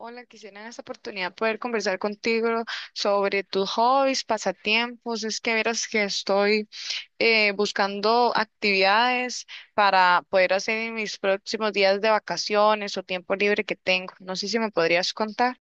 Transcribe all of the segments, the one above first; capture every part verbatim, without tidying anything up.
Hola, quisiera en esta oportunidad poder conversar contigo sobre tus hobbies, pasatiempos. Es que verás que estoy eh, buscando actividades para poder hacer en mis próximos días de vacaciones o tiempo libre que tengo. No sé si me podrías contar.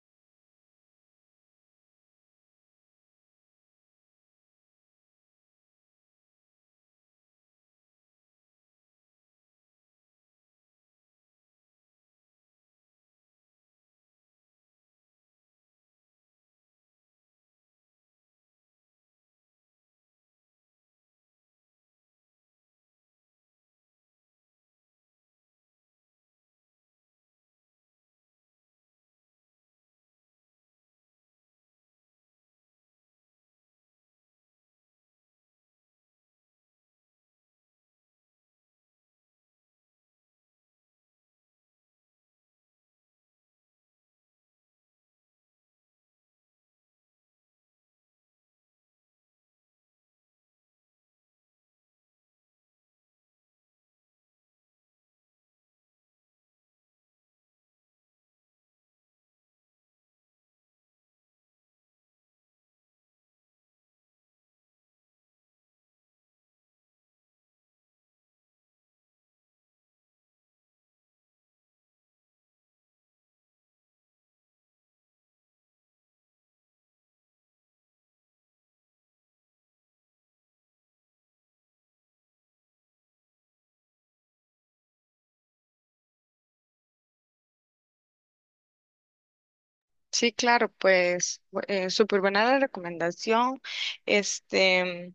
Sí, claro, pues bu- eh, súper buena la recomendación. Este.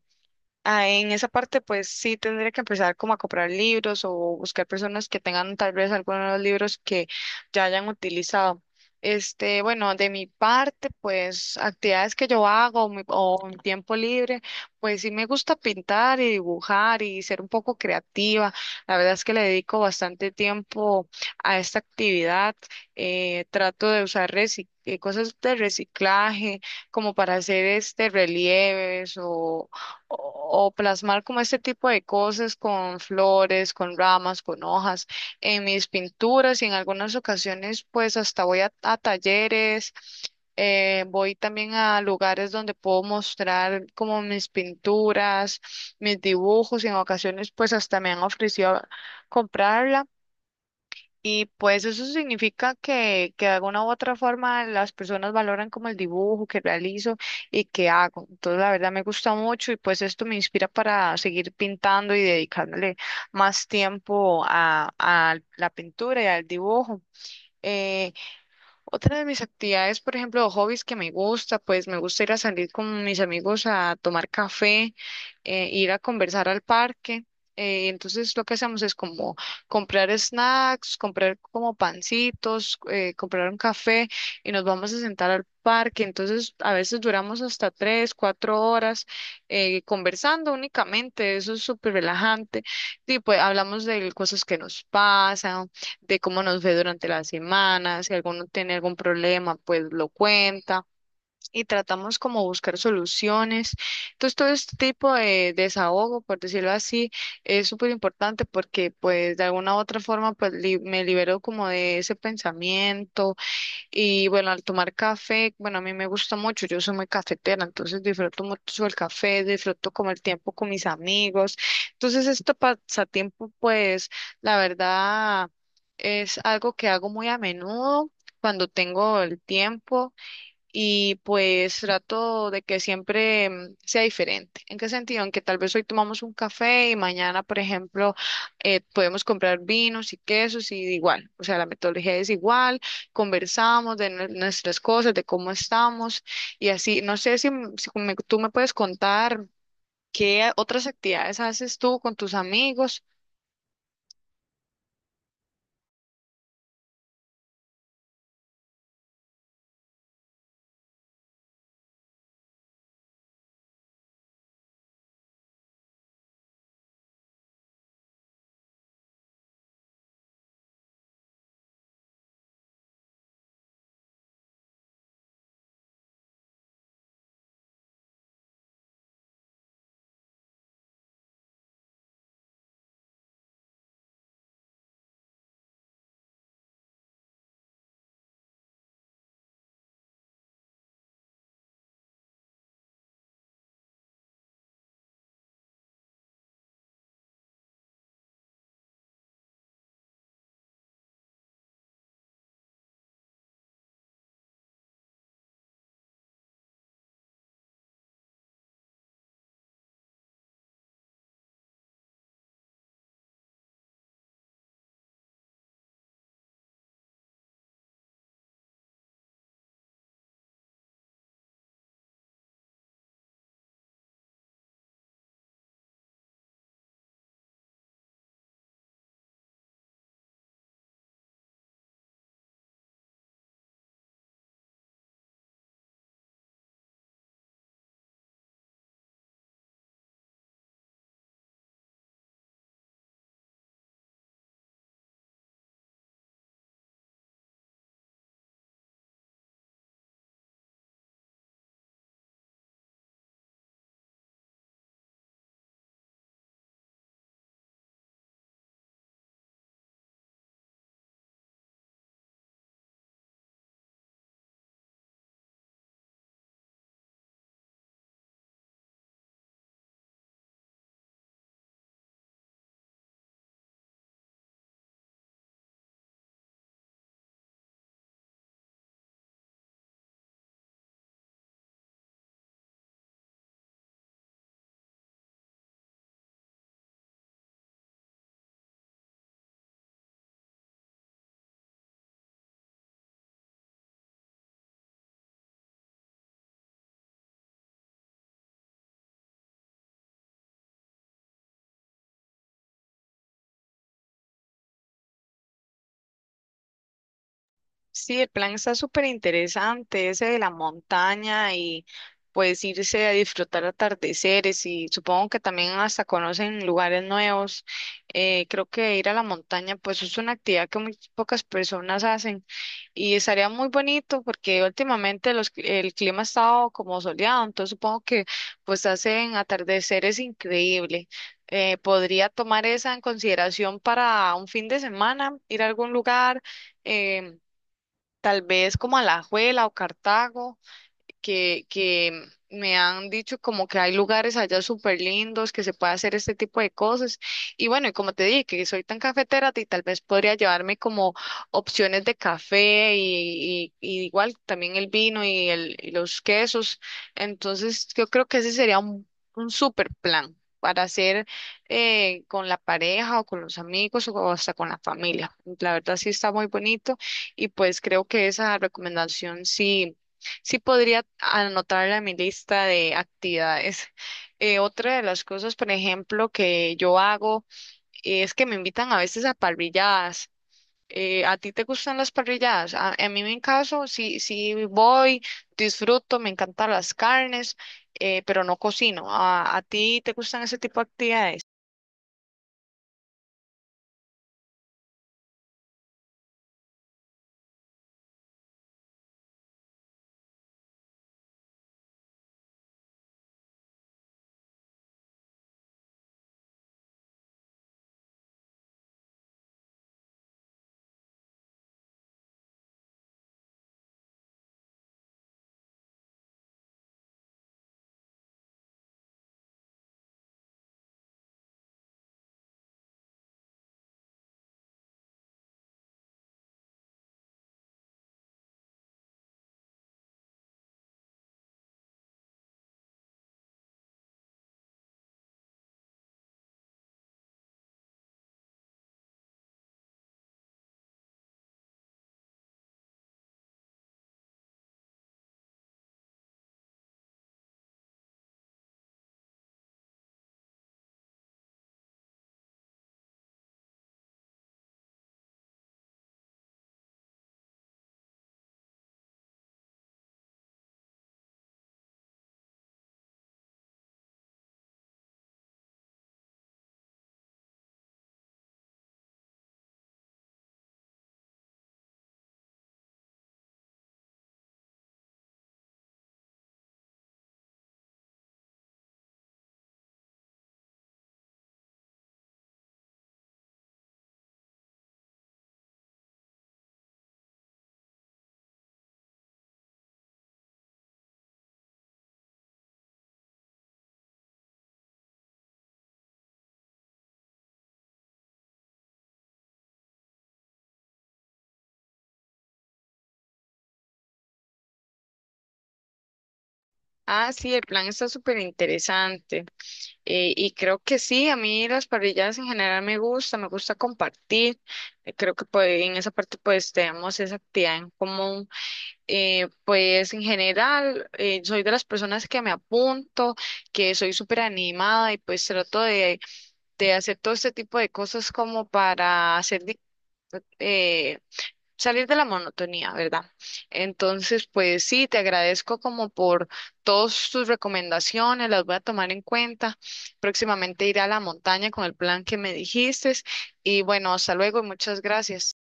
Ah, en esa parte, pues sí tendría que empezar como a comprar libros o buscar personas que tengan tal vez algunos de los libros que ya hayan utilizado. Este, bueno, de mi parte, pues actividades que yo hago mi- o en tiempo libre, pues sí me gusta pintar y dibujar y ser un poco creativa. La verdad es que le dedico bastante tiempo a esta actividad. Eh, trato de usar reci- eh, cosas de reciclaje como para hacer este relieves o o, o plasmar como este tipo de cosas con flores, con ramas, con hojas en mis pinturas y en algunas ocasiones pues hasta voy a, a talleres, eh, voy también a lugares donde puedo mostrar como mis pinturas, mis dibujos y en ocasiones pues hasta me han ofrecido comprarlas y pues eso significa que, que de alguna u otra forma las personas valoran como el dibujo que realizo y que hago. Entonces la verdad me gusta mucho y pues esto me inspira para seguir pintando y dedicándole más tiempo a, a la pintura y al dibujo. Eh, otra de mis actividades, por ejemplo, o hobbies que me gusta, pues me gusta ir a salir con mis amigos a tomar café, eh, ir a conversar al parque. Eh, entonces lo que hacemos es como comprar snacks, comprar como pancitos, eh, comprar un café y nos vamos a sentar al parque. Entonces a veces duramos hasta tres, cuatro horas eh, conversando únicamente. Eso es súper relajante. Y pues hablamos de cosas que nos pasan, de cómo nos ve durante la semana, si alguno tiene algún problema, pues lo cuenta y tratamos como buscar soluciones. Entonces, todo este tipo de desahogo, por decirlo así, es súper importante porque pues de alguna u otra forma pues li- me libero como de ese pensamiento y bueno, al tomar café, bueno, a mí me gusta mucho, yo soy muy cafetera, entonces disfruto mucho el café, disfruto como el tiempo con mis amigos. Entonces, este pasatiempo, pues, la verdad, es algo que hago muy a menudo cuando tengo el tiempo y pues trato de que siempre mm, sea diferente. ¿En qué sentido? En que tal vez hoy tomamos un café y mañana, por ejemplo, eh, podemos comprar vinos y quesos y igual, o sea, la metodología es igual, conversamos de nue- nuestras cosas, de cómo estamos y así. No sé si, m- si me- tú me puedes contar qué otras actividades haces tú con tus amigos. Sí, el plan está súper interesante, ese de la montaña y pues irse a disfrutar atardeceres y supongo que también hasta conocen lugares nuevos. Eh, creo que ir a la montaña pues es una actividad que muy pocas personas hacen y estaría muy bonito porque últimamente los, cl- el clima ha estado como soleado, entonces supongo que pues hacen atardeceres increíble. Eh, podría tomar esa en consideración para un fin de semana, ir a algún lugar. em, Tal vez como Alajuela o Cartago que, que me han dicho como que hay lugares allá súper lindos que se puede hacer este tipo de cosas. Y bueno, y como te dije, que soy tan cafetera, y tal vez podría llevarme como opciones de café y, y- y igual también el vino y, el, y los quesos. Entonces, yo creo que ese sería un, un súper plan para hacer eh, con la pareja o con los amigos o hasta con la familia. La verdad sí está muy bonito y pues creo que esa recomendación sí. Sí podría anotarla a mi lista de actividades. Eh, otra de las cosas, por ejemplo, que yo hago es que me invitan a veces a parrilladas. Eh, ¿a ti te gustan las parrilladas? A, a mí, en mi caso, sí, sí voy, disfruto, me encantan las carnes, eh, pero no cocino. ¿A, a ti te gustan ese tipo de actividades? Ah, sí, el plan está súper interesante. Eh, y creo que sí, a mí las parrilladas en general me gusta, me gusta compartir. Eh, creo que pues, en esa parte pues tenemos esa actividad en común. Eh, pues en general eh, soy de las personas que me apunto, que soy súper animada y pues trato de, de hacer todo este tipo de cosas como para hacer... di- eh, salir de la monotonía, ¿verdad? Entonces, pues sí, te agradezco como por todas tus recomendaciones, las voy a tomar en cuenta. Próximamente iré a la montaña con el plan que me dijiste y bueno, hasta luego y muchas gracias.